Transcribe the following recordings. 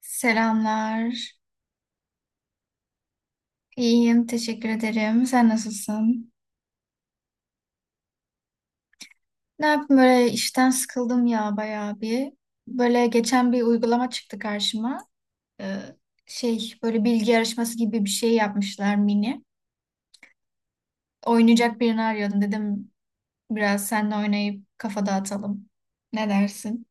Selamlar. İyiyim, teşekkür ederim. Sen nasılsın? Ne yapayım böyle işten sıkıldım ya bayağı bir. Böyle geçen bir uygulama çıktı karşıma. Ee, şey böyle bilgi yarışması gibi bir şey yapmışlar mini. Oynayacak birini arıyordum dedim biraz seninle oynayıp kafa dağıtalım. Ne dersin?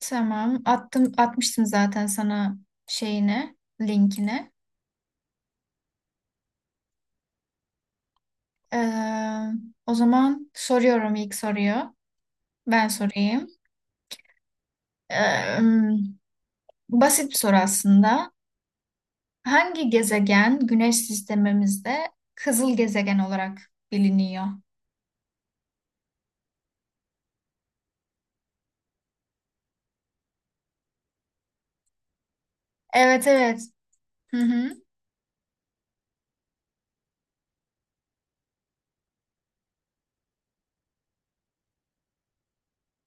Tamam. Atmıştım zaten sana şeyine, linkini. Ee, o zaman soruyorum ilk soruyu. Ben sorayım. Ee, basit bir soru aslında. Hangi gezegen Güneş sistemimizde kızıl gezegen olarak biliniyor? Evet, evet. Hı hı.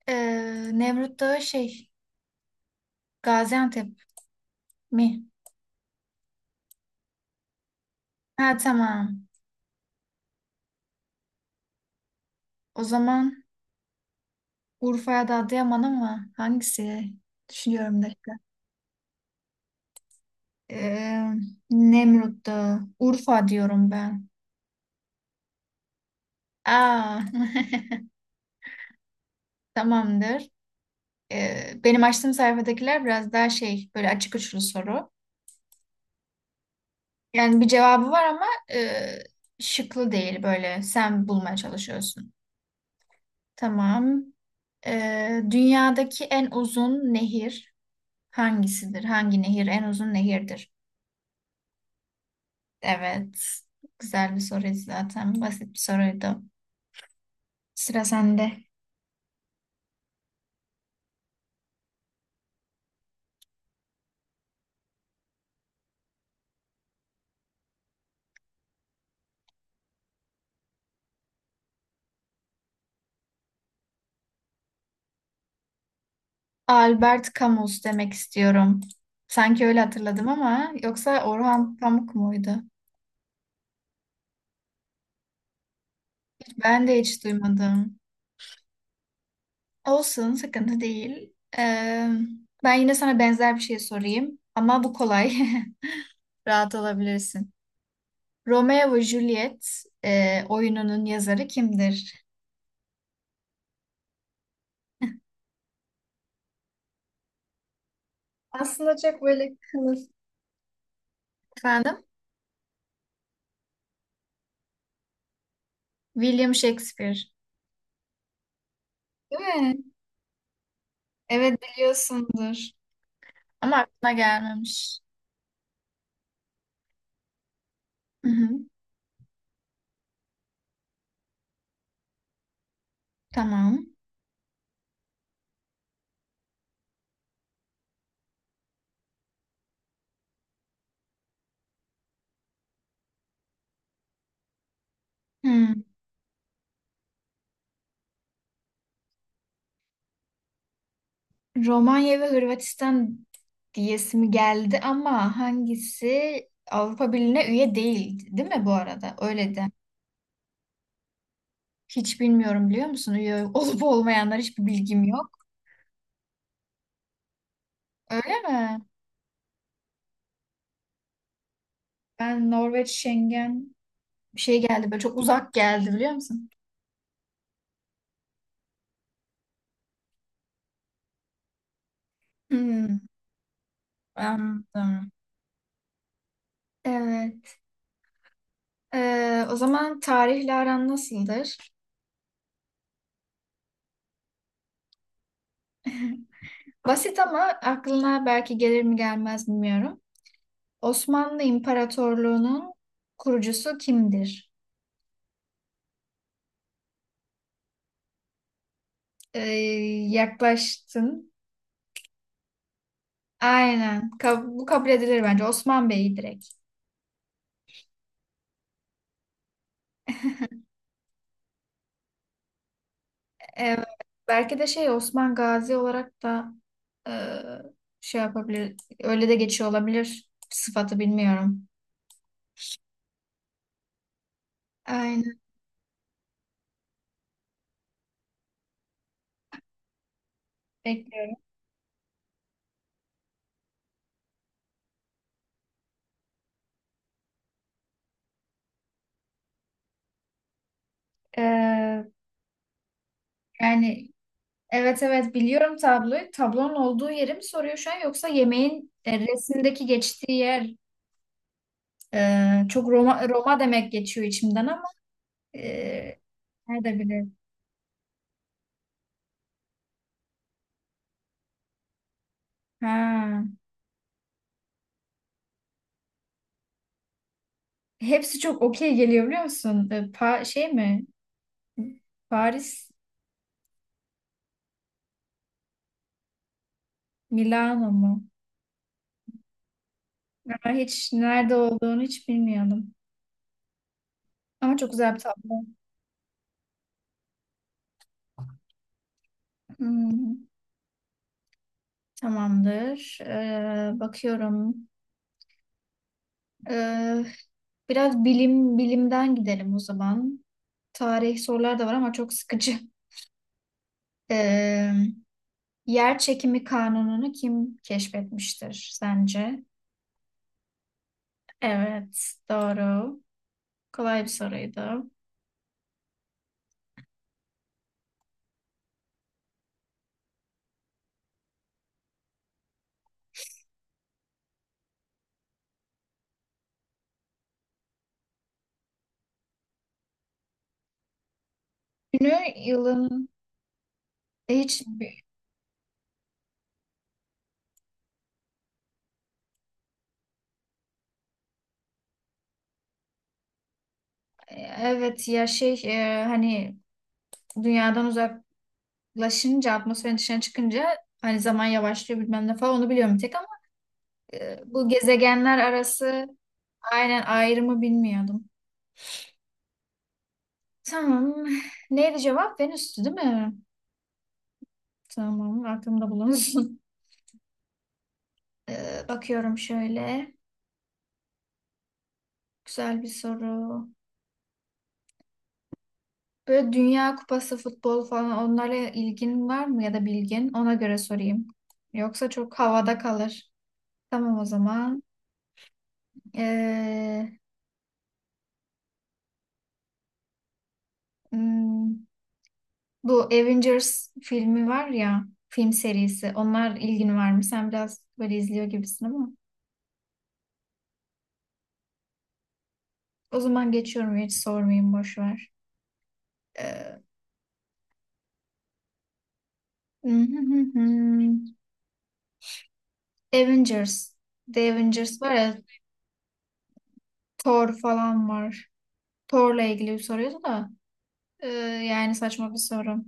Nemrut Dağı şey Gaziantep mi? Ha, tamam. O zaman Urfa ya da Adıyaman, ama hangisi? Düşünüyorum bir dakika. Ee, Nemrut Dağı. Urfa diyorum ben. Aa. Tamamdır. Benim açtığım sayfadakiler biraz daha şey böyle açık uçlu soru. Yani bir cevabı var ama e, şıklı değil böyle. Sen bulmaya çalışıyorsun. Tamam. Dünyadaki en uzun nehir hangisidir? Hangi nehir en uzun nehirdir? Evet. Güzel bir soruydu zaten. Basit bir soruydu. Sıra sende. Albert Camus demek istiyorum. Sanki öyle hatırladım, ama yoksa Orhan Pamuk muydu? Ben de hiç duymadım. Olsun, sıkıntı değil. Ee, ben yine sana benzer bir şey sorayım, ama bu kolay. Rahat olabilirsin. Romeo ve Juliet oyununun yazarı kimdir? Aslında çok böyle kılıf. Efendim? William Shakespeare, değil mi? Evet, biliyorsundur. Ama aklına gelmemiş. Hı hı, tamam. Hmm. Romanya ve Hırvatistan diyesimi geldi, ama hangisi Avrupa Birliği'ne üye değil, değil mi bu arada? Öyle de. Hiç bilmiyorum, biliyor musun? Üye olup olmayanlar hiçbir bilgim yok. Öyle mi? Ben Norveç, Schengen bir şey geldi böyle, çok uzak geldi biliyor musun? Hmm, anladım. Evet. O zaman tarihle aran nasıldır? Basit, ama aklına belki gelir mi gelmez bilmiyorum. Osmanlı İmparatorluğu'nun kurucusu kimdir? Ee, yaklaştın. Aynen. Bu kabul edilir bence. Osman Bey'i direkt. Evet, belki de şey Osman Gazi olarak da e, şey yapabilir. Öyle de geçiyor olabilir. Sıfatı bilmiyorum. Aynen, bekliyorum. E, yani evet, evet biliyorum tabloyu. Tablonun olduğu yeri mi soruyor şu an, yoksa yemeğin resimdeki geçtiği yer. Çok Roma Roma demek geçiyor içimden, ama e, nerede bilir. Ha. Hepsi çok okey geliyor, biliyor musun? E, Pa şey mi? Paris, Milano mu? Ama hiç nerede olduğunu hiç bilmiyordum. Ama çok güzel bir tablo. Hmm, tamamdır. Bakıyorum. Ee, biraz bilim bilimden gidelim o zaman. Tarih sorular da var ama çok sıkıcı. Ee, yer çekimi kanununu kim keşfetmiştir sence? Evet, doğru. Kolay bir soruydu. Günü yılın, hiç. Evet ya şey, hani dünyadan uzak laşınca atmosferin dışına çıkınca, hani zaman yavaşlıyor bilmem ne falan onu biliyorum bir tek, ama bu gezegenler arası aynen ayrımı bilmiyordum. Tamam. Neydi cevap? Venüs'tü, değil mi? Tamam, aklımda bulunsun. Bakıyorum şöyle. Güzel bir soru. Böyle Dünya Kupası futbol falan, onlara ilgin var mı ya da bilgin? Ona göre sorayım. Yoksa çok havada kalır. Tamam o zaman. E, hmm, Bu Avengers filmi var ya, film serisi. Onlar ilgin var mı? Sen biraz böyle izliyor gibisin ama. O zaman geçiyorum, hiç sormayayım, boş ver. Ee, Avengers. The Avengers var ya, Thor falan var. Thor'la ilgili bir soruyordu da. ee, Yani saçma bir soru.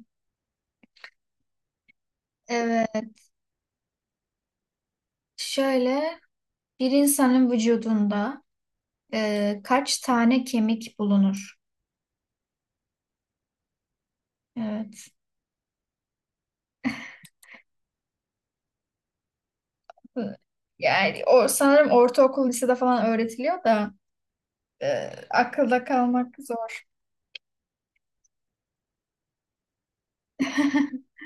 Evet, şöyle bir insanın vücudunda kaç tane kemik bulunur? Evet. Yani o sanırım ortaokul lisede falan öğretiliyor da akılda kalmak zor.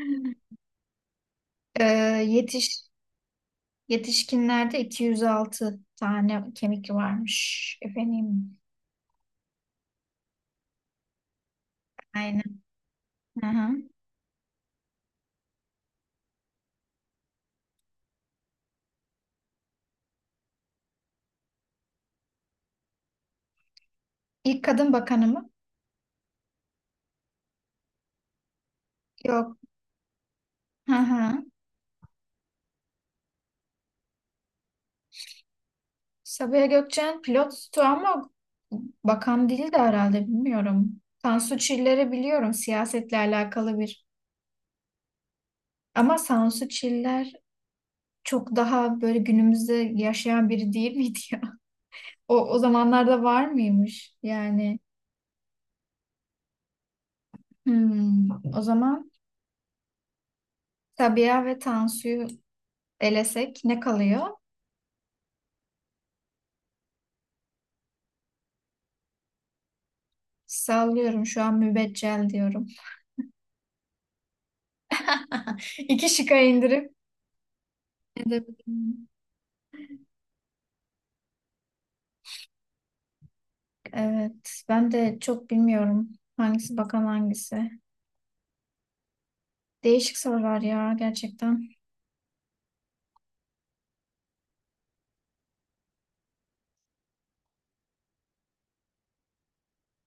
E, yetiş yetişkinlerde 206 tane kemik varmış efendim. Aynen. Hı hı. İlk kadın bakanı mı? Yok. Hı hı. Sabiha Gökçen pilottu, ama bakan değil de herhalde, bilmiyorum. Tansu Çiller'i biliyorum, siyasetle alakalı bir. Ama Tansu Çiller çok daha böyle günümüzde yaşayan biri değil miydi ya? O zamanlarda var mıymış? Yani. Hmm, o zaman Sabiha ve Tansu'yu elesek ne kalıyor? Sallıyorum şu an, mübeccel diyorum. İki şıka indirip edebilirim. Evet, ben de çok bilmiyorum hangisi bakan hangisi. Değişik sorular ya, gerçekten.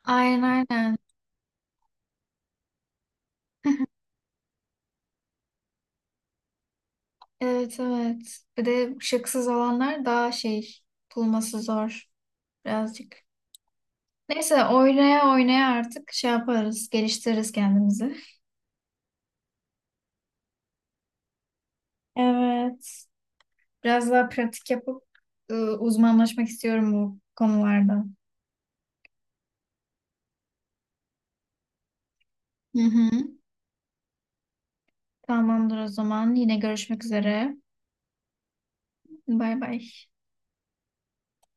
Aynen, aynen. Evet, evet. Bir de şıksız olanlar daha şey, bulması zor birazcık. Neyse, oynaya oynaya artık şey yaparız, geliştiririz kendimizi. Evet. Biraz daha pratik yapıp uzmanlaşmak istiyorum bu konularda. Hı hı. Tamamdır o zaman. Yine görüşmek üzere. Bay bay.